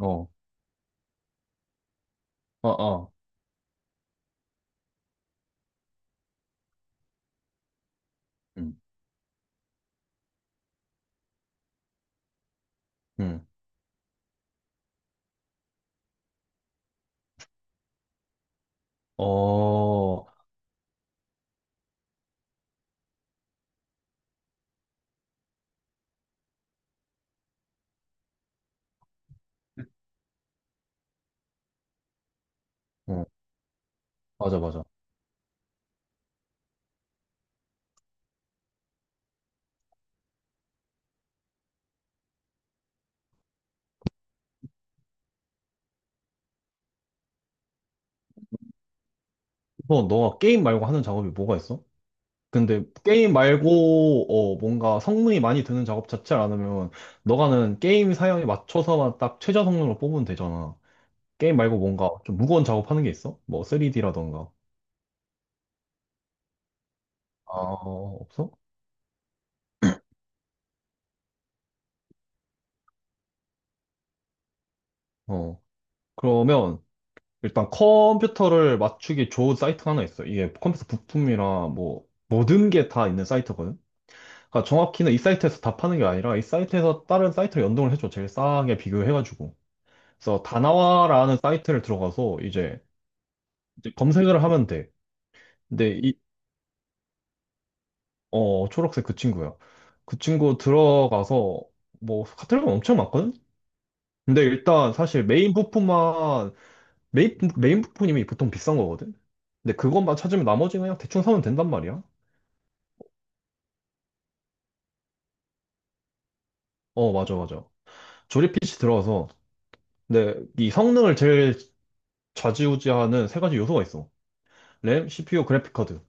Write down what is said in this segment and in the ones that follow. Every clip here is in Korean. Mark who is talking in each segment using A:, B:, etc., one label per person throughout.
A: 어, 어, 어, 응, 응, 어, 어, 맞아, 맞아. 너가 게임 말고 하는 작업이 뭐가 있어? 근데 게임 말고, 뭔가 성능이 많이 드는 작업 자체를 안 하면, 너가는 게임 사양에 맞춰서만 딱 최저 성능으로 뽑으면 되잖아. 게임 말고 뭔가 좀 무거운 작업하는 게 있어? 뭐 3D라던가. 아, 없어? 어, 그러면 일단 컴퓨터를 맞추기 좋은 사이트가 하나 있어. 이게 컴퓨터 부품이랑 뭐, 모든 게 다 있는 사이트거든. 그러니까 정확히는 이 사이트에서 다 파는 게 아니라 이 사이트에서 다른 사이트를 연동을 해줘. 제일 싸게 비교해가지고. 그래서 다나와라는 사이트를 들어가서 이제 검색을 하면 돼. 근데 초록색 그 친구야. 그 친구 들어가서 뭐 카테고리가 엄청 많거든? 근데 일단 사실 메인 부품만, 메인 부품이 보통 비싼 거거든? 근데 그것만 찾으면 나머지는 그냥 대충 사면 된단 말이야. 어, 맞아, 맞아. 조립 PC 들어가서 근데 이 성능을 제일 좌지우지하는 세 가지 요소가 있어. 램, CPU, 그래픽 카드.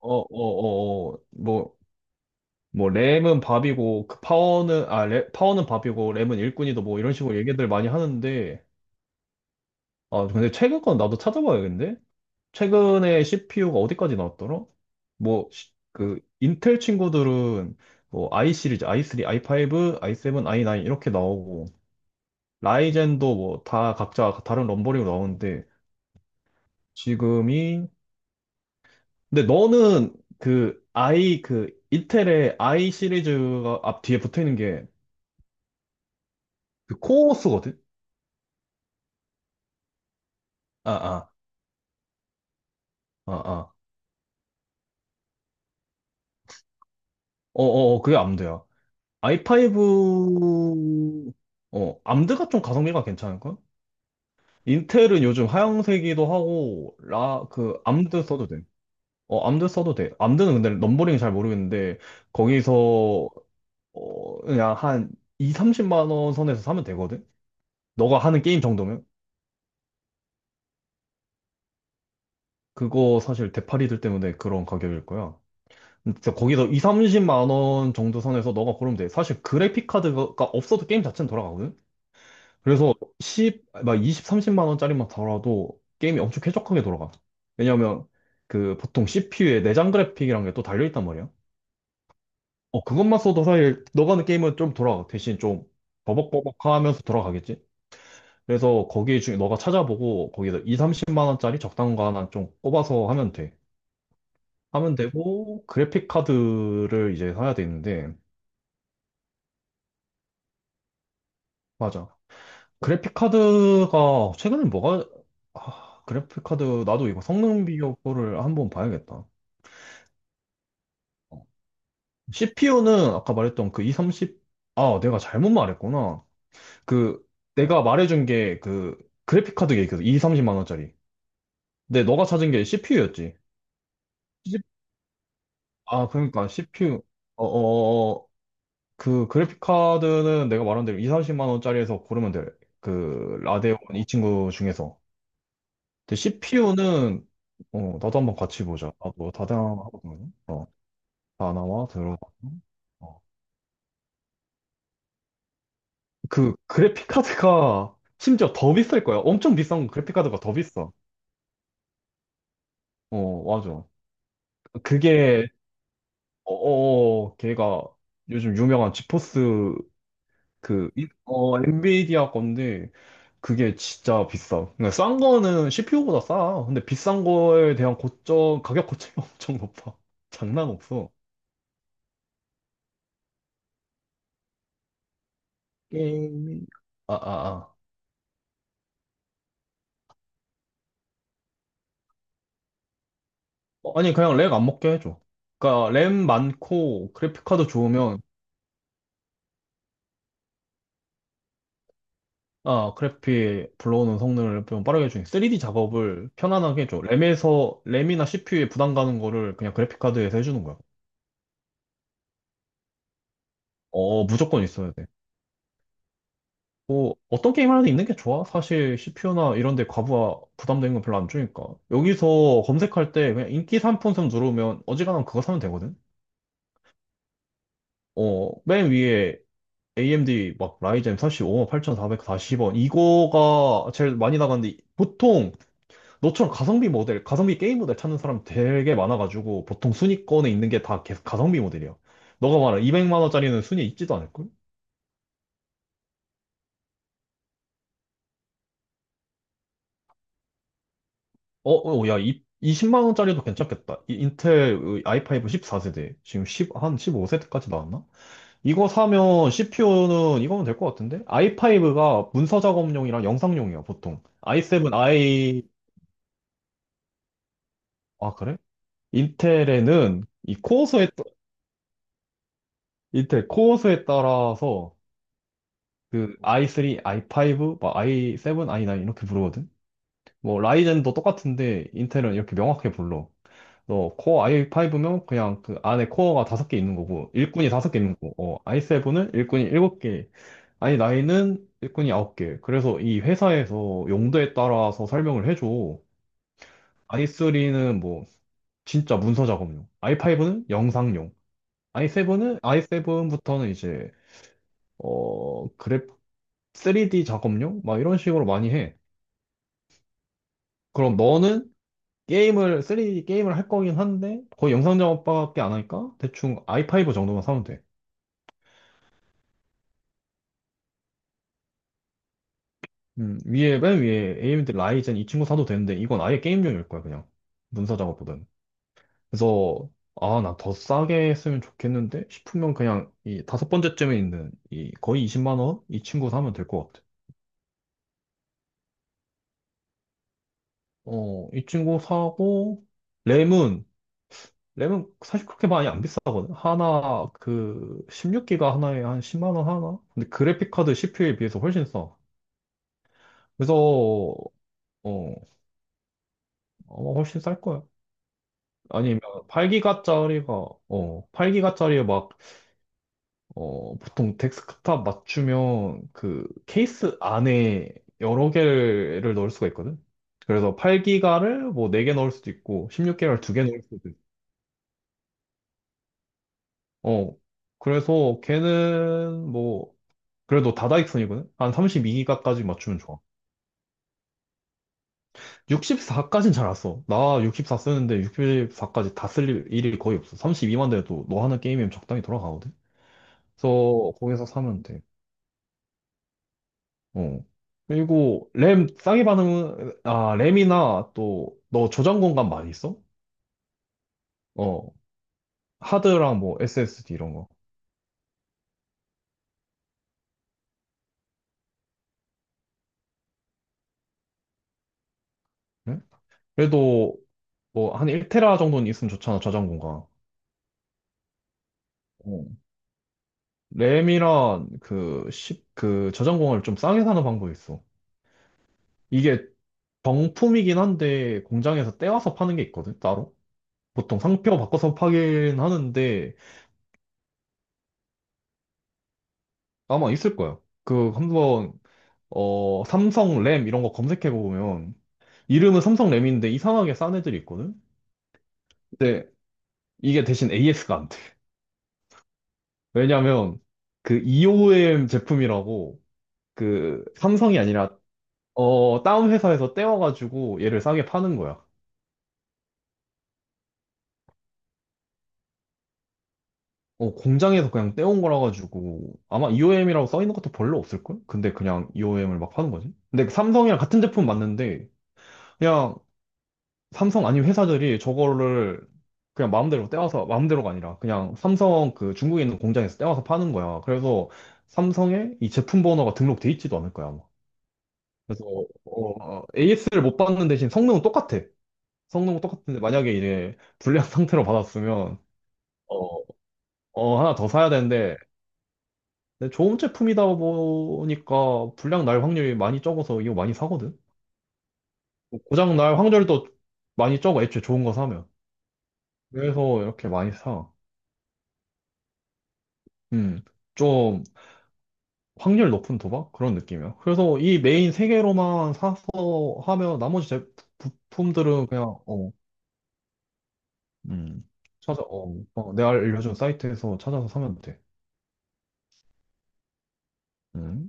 A: 어, 어, 어, 어. 뭐, 뭐 램은 밥이고 그 파워는, 아, 램, 파워는 밥이고 램은 일꾼이다 뭐 이런 식으로 얘기들 많이 하는데. 아, 근데 최근 건 나도 찾아봐야겠는데? 최근에 CPU가 어디까지 나왔더라? 뭐, 그, 인텔 친구들은 뭐, i 시리즈, i3, i5, i7, i9 이렇게 나오고, 라이젠도 뭐, 다 각자 다른 럼버링으로 나오는데, 지금이, 근데 너는 그 i 그 이텔의 i 시리즈가 앞 뒤에 붙어 있는 게 그 코어스거든? 아, 아, 아, 아. 어, 어, 어, 그게 암드야. i5. 어, 암드가 좀 가성비가 괜찮을걸? 인텔은 요즘 하향세기도 하고 라 그 암드 써도 돼. 어, 암드 써도 돼. 암드는 근데 넘버링이 잘 모르겠는데 거기서 그냥 한 2, 30만 원 선에서 사면 되거든. 너가 하는 게임 정도면. 그거 사실 대파리들 때문에 그런 가격일 거야. 진짜 거기서 2, 30만 원 정도 선에서 너가 고르면 돼. 사실 그래픽 카드가 없어도 게임 자체는 돌아가거든. 그래서 10, 막 20, 30만 원짜리만 달아도 게임이 엄청 쾌적하게 돌아가. 왜냐면 그 보통 CPU에 내장 그래픽이란 게 또 달려있단 말이야. 어, 그것만 써도 사실 너가 하는 게임은 좀 돌아가. 대신 좀 버벅버벅하면서 돌아가겠지. 그래서 거기 중에 너가 찾아보고 거기서 2, 30만 원짜리 적당한 거 하나 좀 꼽아서 하면 돼. 하면 되고, 그래픽 카드를 이제 사야 되는데, 맞아. 그래픽 카드가, 최근에 뭐가, 아, 그래픽 카드, 나도 이거 성능 비교 거를 한번 봐야겠다. CPU는 아까 말했던 그 230, 아, 내가 잘못 말했구나. 그, 내가 말해준 게 그, 그래픽 카드 얘기해서 230만 원짜리. 근데 너가 찾은 게 CPU였지. 아, 그러니까 CPU. 어어어 그 그래픽 카드는 내가 말한 대로 2, 30만 원짜리에서 고르면 돼. 그 라데온 이 친구 중에서. 근데 CPU는 나도 한번 같이 보자. 나도 다양하거든. 다나와 들어. 어. 그 그래픽 카드가 심지어 더 비쌀 거야. 엄청 비싼 그래픽 카드가 더 비싸. 어, 맞아. 그게 어어 걔가 요즘 유명한 지포스, 엔비디아 건데. 그게 진짜 비싸. 그러니까 싼 거는 CPU보다 싸. 근데 비싼 거에 대한 고점, 가격 고점이 엄청 높아. 장난 없어. 게임이, 아, 아, 아. 어, 아니, 그냥 렉 안 먹게 해줘. 그러니까 램 많고 그래픽카드 좋으면, 아, 그래픽 불러오는 성능을 좀 빠르게 해주니 3D 작업을 편안하게 해줘. 램에서 램이나 CPU에 부담 가는 거를 그냥 그래픽카드에서 해주는 거야. 어, 무조건 있어야 돼. 뭐 어떤 게임 하나도 있는 게 좋아. 사실 CPU나 이런 데 과부하 부담되는 건 별로 안 주니까. 여기서 검색할 때 그냥 인기 상품성 누르면 어지간하면 그거 사면 되거든. 어, 맨 위에 AMD 막 라이젠 4 5 8440원 이거가 제일 많이 나가는데 보통 너처럼 가성비 모델, 가성비 게임 모델 찾는 사람 되게 많아가지고 보통 순위권에 있는 게 다 계속 가성비 모델이야. 너가 말한 200만 원짜리는 순위에 있지도 않을걸? 어, 어, 야, 이십0만 원짜리도 괜찮겠다. 이 인텔 i5 14세대. 지금 십한 15세대까지 나왔나? 이거 사면 CPU는 이거면 될 것 같은데? i5가 문서 작업용이랑 영상용이야, 보통. i7, i, 아, 그래? 인텔에는 이 코어수에, 인텔 코어수에 따라서 그 i3, i5, 막 i7, i9 이렇게 부르거든? 뭐, 라이젠도 똑같은데 인텔은 이렇게 명확하게 불러. 너 코어 i5면 그냥 그 안에 코어가 다섯 개 있는 거고 일꾼이 다섯 개 있는 거고, 어, i7은 일꾼이 일곱 개, 아니 나인은 일꾼이 아홉 개. 그래서 이 회사에서 용도에 따라서 설명을 해줘. i3는 뭐 진짜 문서 작업용, i5는 영상용, i7은, i 븐부터는 이제, 어 그래프 3D 작업용 막 이런 식으로 많이 해. 그럼 너는 게임을, 3D 게임을 할 거긴 한데 거의 영상 작업밖에 안 하니까 대충 i5 정도만 사면 돼. 맨 위에 AMD 라이젠 이 친구 사도 되는데, 이건 아예 게임용일 거야, 그냥. 문서 작업보다는. 그래서, 아, 나 더 싸게 쓰면 좋겠는데? 싶으면 그냥 이 다섯 번째쯤에 있는 이 거의 20만 원? 이 친구 사면 될 것 같아. 어, 이 친구 사고, 램은, 램은, 사실 그렇게 많이 안 비싸거든. 하나, 그, 16기가 하나에 한 10만 원 하나? 근데 그래픽카드 CPU에 비해서 훨씬 싸. 그래서, 아마 훨씬 쌀 거야. 아니면 8기가짜리가, 8기가짜리 에 막, 보통 데스크탑 맞추면 그 케이스 안에 여러 개를 넣을 수가 있거든. 그래서 8기가를 뭐 4개 넣을 수도 있고 16기가를 2개 넣을 수도 있고. 어. 그래서 걔는 뭐 그래도 다다익선이거든. 한 32기가까지 맞추면 좋아. 64까지는 잘 안 써. 나 64 쓰는데 64까지 다 쓸 일이 거의 없어. 32만 돼도 너 하는 게임이면 적당히 돌아가거든. 그래서 거기서 사면 돼. 어. 그리고 램 싸게 받는, 아, 램이나 또 너 저장 공간 많이 있어? 어 하드랑 뭐 SSD 이런 거. 응? 그래도 뭐 한 1테라 정도는 있으면 좋잖아, 저장 공간. 어. 램이랑 그1그 저장 공간을 좀 싸게 사는 방법이 있어. 이게 정품이긴 한데 공장에서 떼와서 파는 게 있거든, 따로. 보통 상표 바꿔서 파긴 하는데 아마 있을 거야. 그 한번, 삼성 램 이런 거 검색해 보면 이름은 삼성 램인데 이상하게 싼 애들이 있거든? 근데 이게 대신 AS가 안 돼. 왜냐면 그 EOM 제품이라고, 그 삼성이 아니라, 다운 회사에서 떼와가지고 얘를 싸게 파는 거야. 어, 공장에서 그냥 떼온 거라 가지고 아마 EOM이라고 써 있는 것도 별로 없을걸? 근데 그냥 EOM을 막 파는 거지. 근데 그 삼성이랑 같은 제품 맞는데 그냥, 삼성 아니면 회사들이 저거를 그냥 마음대로 떼와서, 마음대로가 아니라 그냥 삼성 그 중국에 있는 공장에서 떼와서 파는 거야. 그래서 삼성에 이 제품 번호가 등록돼 있지도 않을 거야, 아마. 그래서, AS를 못 받는 대신 성능은 똑같아. 성능은 똑같은데 만약에 이제 불량 상태로 받았으면, 어, 하나 더 사야 되는데 근데 좋은 제품이다 보니까 불량 날 확률이 많이 적어서 이거 많이 사거든. 뭐 고장 날 확률도 많이 적어, 애초에 좋은 거 사면. 그래서 이렇게 많이 사. 음, 좀 확률 높은 도박? 그런 느낌이야. 그래서 이 메인 세 개로만 사서 하면 나머지 제 부품들은 그냥, 어, 음, 찾아, 어, 어, 내가 알려준 사이트에서 찾아서 사면 돼. 음.